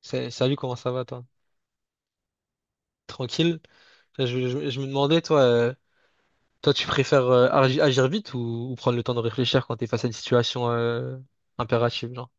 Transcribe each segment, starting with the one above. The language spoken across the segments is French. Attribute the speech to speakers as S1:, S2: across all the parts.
S1: Salut, comment ça va, toi? Tranquille? Je me demandais, toi, tu préfères agir vite ou prendre le temps de réfléchir quand t'es face à une situation impérative, genre?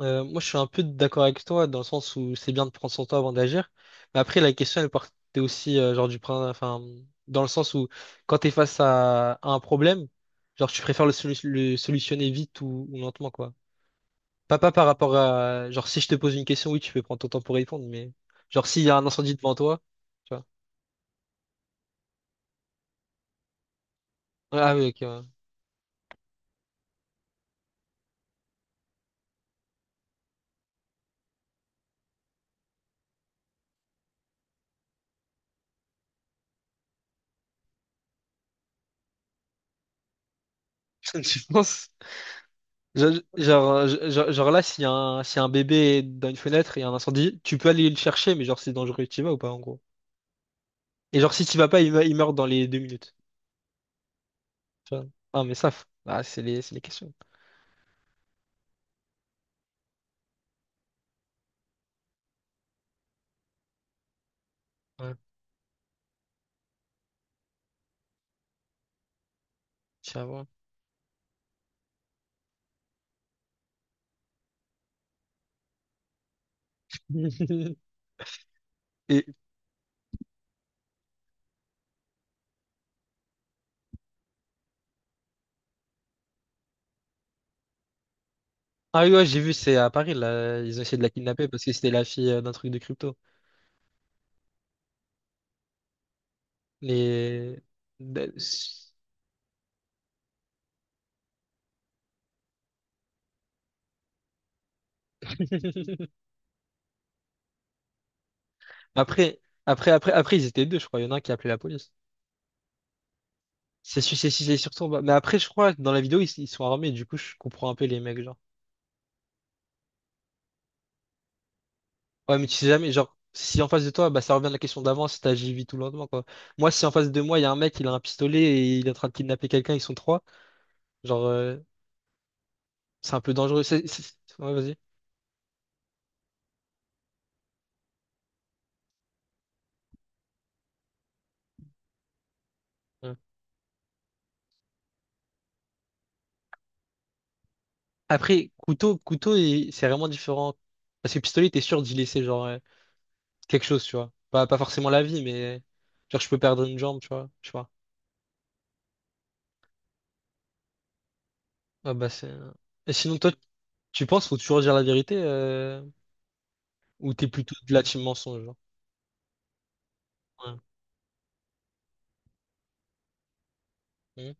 S1: Moi, je suis un peu d'accord avec toi dans le sens où c'est bien de prendre son temps avant d'agir. Mais après, la question, elle partait aussi genre enfin, dans le sens où quand t'es face à un problème, genre, tu préfères le solutionner vite ou lentement, quoi. Pas par rapport à. Genre, si je te pose une question, oui, tu peux prendre ton temps pour répondre, mais. Genre, s'il y a un incendie devant toi, tu vois. Ouais. Ah oui, ok. Ouais. Tu penses? Genre là, s'il y a un bébé dans une fenêtre et il y a un incendie, tu peux aller le chercher, mais genre, c'est dangereux, tu y vas ou pas, en gros? Et genre, si tu y vas pas, il meurt dans les 2 minutes. Tu vois. Ah, mais ça, ah, c'est les questions. Ouais, tiens, voilà. Et... Ah oui, ouais, j'ai vu, c'est à Paris, là. Ils ont essayé de la kidnapper parce que c'était la fille d'un truc de crypto. Les. Après, ils étaient deux, je crois. Il y en a un qui a appelé la police. C'est surtout. Bah, mais après, je crois que dans la vidéo, ils sont armés. Du coup, je comprends un peu les mecs, genre. Ouais, mais tu sais jamais, genre, si en face de toi, bah, ça revient à la question d'avant, si t'agis vite ou lentement, quoi. Moi, si en face de moi, il y a un mec, il a un pistolet et il est en train de kidnapper quelqu'un, ils sont trois, genre, c'est un peu dangereux. Ouais, vas-y. Ouais. Après, couteau, couteau, c'est vraiment différent. Parce que pistolet, t'es sûr d'y laisser, genre, quelque chose, tu vois. Pas forcément la vie, mais. Genre, je peux perdre une jambe, tu vois. Je sais pas. Ah bah c'est Et sinon, toi, tu penses faut toujours dire la vérité ou t'es plutôt de la team mensonge, genre? Ouais. Mhm.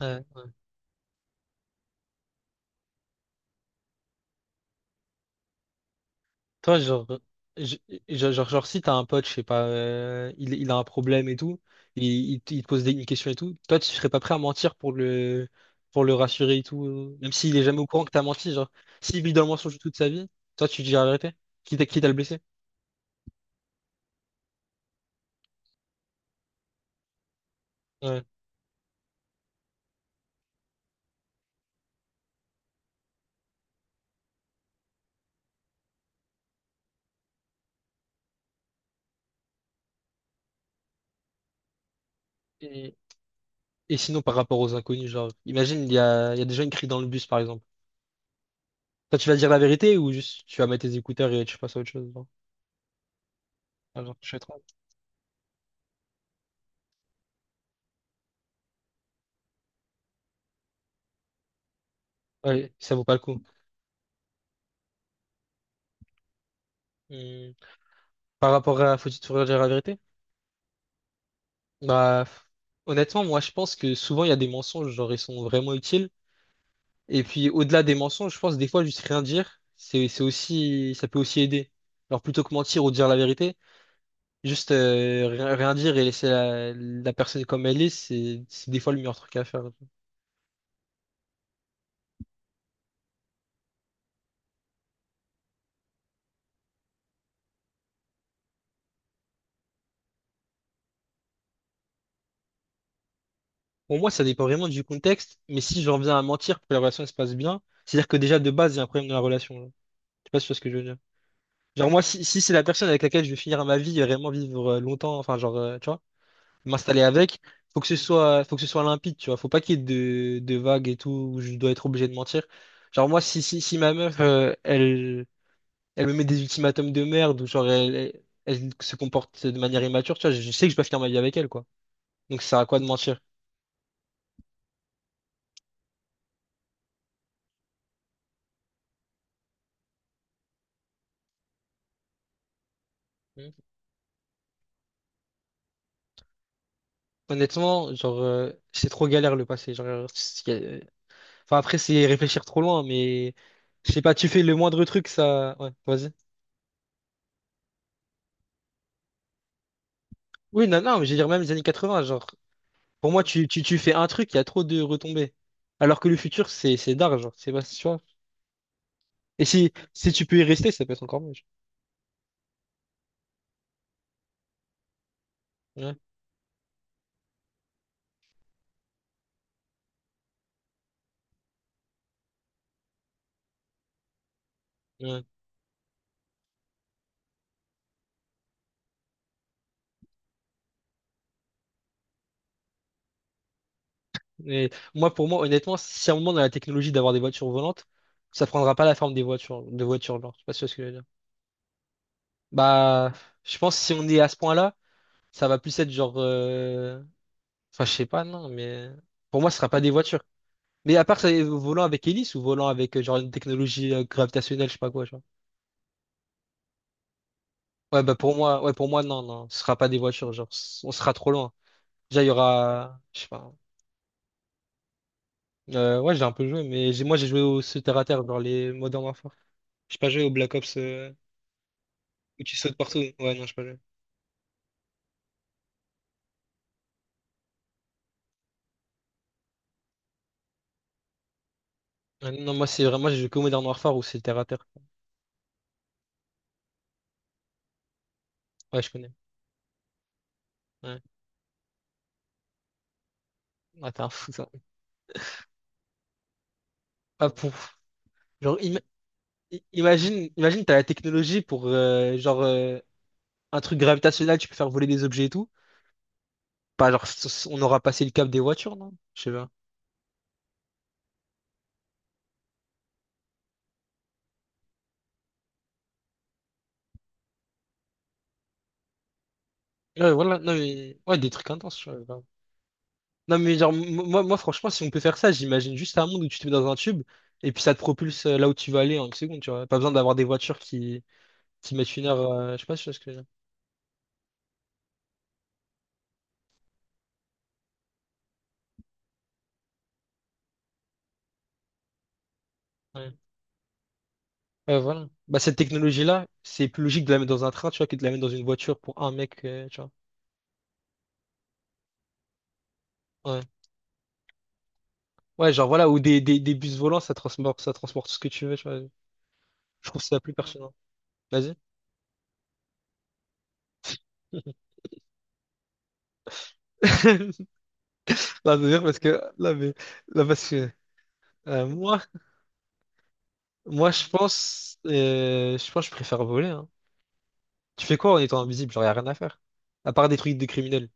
S1: Ouais, ouais. Toi, genre, je- genre, si t'as un pote, je sais pas, il a un problème et tout, et il te pose une question et tout, toi, tu serais pas prêt à mentir pour le rassurer et tout, même s'il est jamais au courant que t'as menti, genre, s'il vit dans le mensonge toute sa vie, toi, tu dis la vérité, quitte à le blesser. Ouais. Et, Et sinon, par rapport aux inconnus, genre, imagine, il y a des jeunes qui crient dans le bus, par exemple. Toi, tu vas dire la vérité ou juste tu vas mettre tes écouteurs et tu passes à autre chose, genre. Ah, je sais trop. Ouais, ça vaut pas le coup. Hmm. Par rapport à faut-il toujours dire la vérité? Bah, honnêtement, moi, je pense que souvent, il y a des mensonges, genre, ils sont vraiment utiles. Et puis, au-delà des mensonges, je pense, des fois, juste rien dire, c'est aussi, ça peut aussi aider. Alors, plutôt que mentir ou dire la vérité, juste rien dire et laisser la personne comme elle est, c'est des fois le meilleur truc à faire. Pour moi, ça dépend vraiment du contexte, mais si j'en viens à mentir pour que la relation elle se passe bien, c'est-à-dire que déjà de base, il y a un problème dans la relation là. Je sais pas si tu vois ce que je veux dire. Genre moi, si c'est la personne avec laquelle je vais finir ma vie et vraiment vivre longtemps, enfin genre, tu vois, m'installer avec, faut que ce soit limpide, tu vois. Faut pas qu'il y ait de vagues et tout où je dois être obligé de mentir. Genre moi, si ma meuf, elle me met des ultimatums de merde ou genre elle se comporte de manière immature, tu vois, je sais que je dois finir ma vie avec elle, quoi. Donc ça sert à quoi de mentir? Mm. Honnêtement, genre, c'est trop galère le passé. Genre, enfin, après, c'est réfléchir trop loin, mais je sais pas, tu fais le moindre truc, ça. Ouais, vas-y. Oui, non, non, mais je veux dire, même les années 80 genre, pour moi, tu fais un truc, il y a trop de retombées. Alors que le futur, c'est d'art, genre, c'est pas, tu vois. Et si tu peux y rester, ça peut être encore mieux. Genre. Ouais. Mais moi, pour moi, honnêtement, si à un moment on a la technologie d'avoir des voitures volantes, ça prendra pas la forme des voitures, de voitures, genre. Je sais pas si tu vois ce que je veux dire. Bah, je pense que si on est à ce point-là, ça va plus être genre, enfin, je sais pas, non, mais pour moi, ce sera pas des voitures. Mais à part ça, volant avec hélice ou volant avec genre une technologie gravitationnelle, je sais pas quoi, genre. Ouais, bah pour moi, ouais, pour moi, non, non, ce sera pas des voitures, genre, on sera trop loin. Déjà, il y aura, je sais pas. Ouais, j'ai un peu joué, mais moi, j'ai joué au ce terre à terre dans les Modern Warfare. J'ai pas joué au Black Ops. Où tu sautes partout. Ouais, non, je sais pas jouer. Ah non, moi, c'est vraiment, j'ai joué que au Modern Warfare où c'est terre à terre. Ouais, je connais. Ouais. Ah, t'es un fou, ça. Ah, pour... Genre, imagine, t'as la technologie pour, genre, un truc gravitationnel, tu peux faire voler des objets et tout. Pas, genre, on aura passé le cap des voitures, non? Je sais pas. Ouais, voilà, non, mais... Ouais, des trucs intenses, je sais pas. Non, mais genre, moi, franchement, si on peut faire ça, j'imagine juste un monde où tu te mets dans un tube et puis ça te propulse là où tu vas aller en 1 seconde, tu vois. Pas besoin d'avoir des voitures qui mettent 1 heure, je sais pas, si tu vois ce que je veux dire. Ouais. Ouais, voilà. Bah, cette technologie-là, c'est plus logique de la mettre dans un train, tu vois, que de la mettre dans une voiture pour un mec, tu vois. Ouais. Ouais, genre voilà, ou des bus volants, ça transporte tout ce que tu veux, tu vois. Je trouve ça plus pertinent. Vas-y. Là, de dire parce que, là, mais, là, parce que, euh, moi, moi, je pense que je préfère voler, hein. Tu fais quoi en étant invisible? Genre, y a rien à faire. À part des trucs de criminels.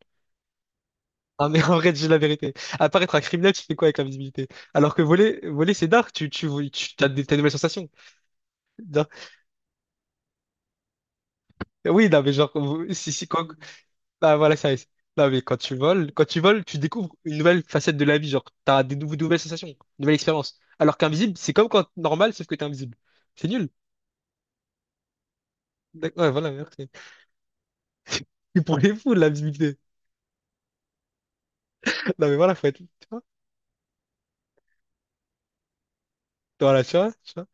S1: Ah, mais en vrai, j'ai la vérité. À apparaître un criminel, tu fais quoi avec l'invisibilité? Alors que voler, voler, c'est dark, t'as des nouvelles sensations. Oui, non, mais genre, vous- si, si, quand, ah, voilà, ça, c'est- non, mais quand tu voles, tu découvres une nouvelle facette de la vie, genre, t'as des nouvelles sensations, une nouvelle expérience. Alors qu'invisible, c'est comme quand normal, sauf que t'es invisible. C'est nul. Ouais, voilà, merci. C'est pour les fous, de l'invisibilité. Non, mais voilà, faut être, vois, voilà, tu vois,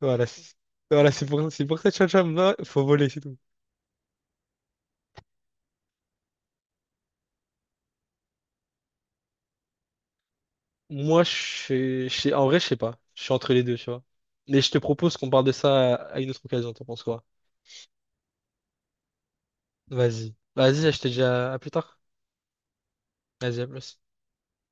S1: voilà, voilà, c'est pour ça, tu vois, moi, faut voler, c'est tout. Moi, je suis, je sais- en vrai, je sais pas, je suis entre les deux, tu vois. Mais je te propose qu'on parle de ça à une autre occasion, t'en penses quoi? Vas-y. Vas-y, je te dis à plus tard. Vas-y, à plus.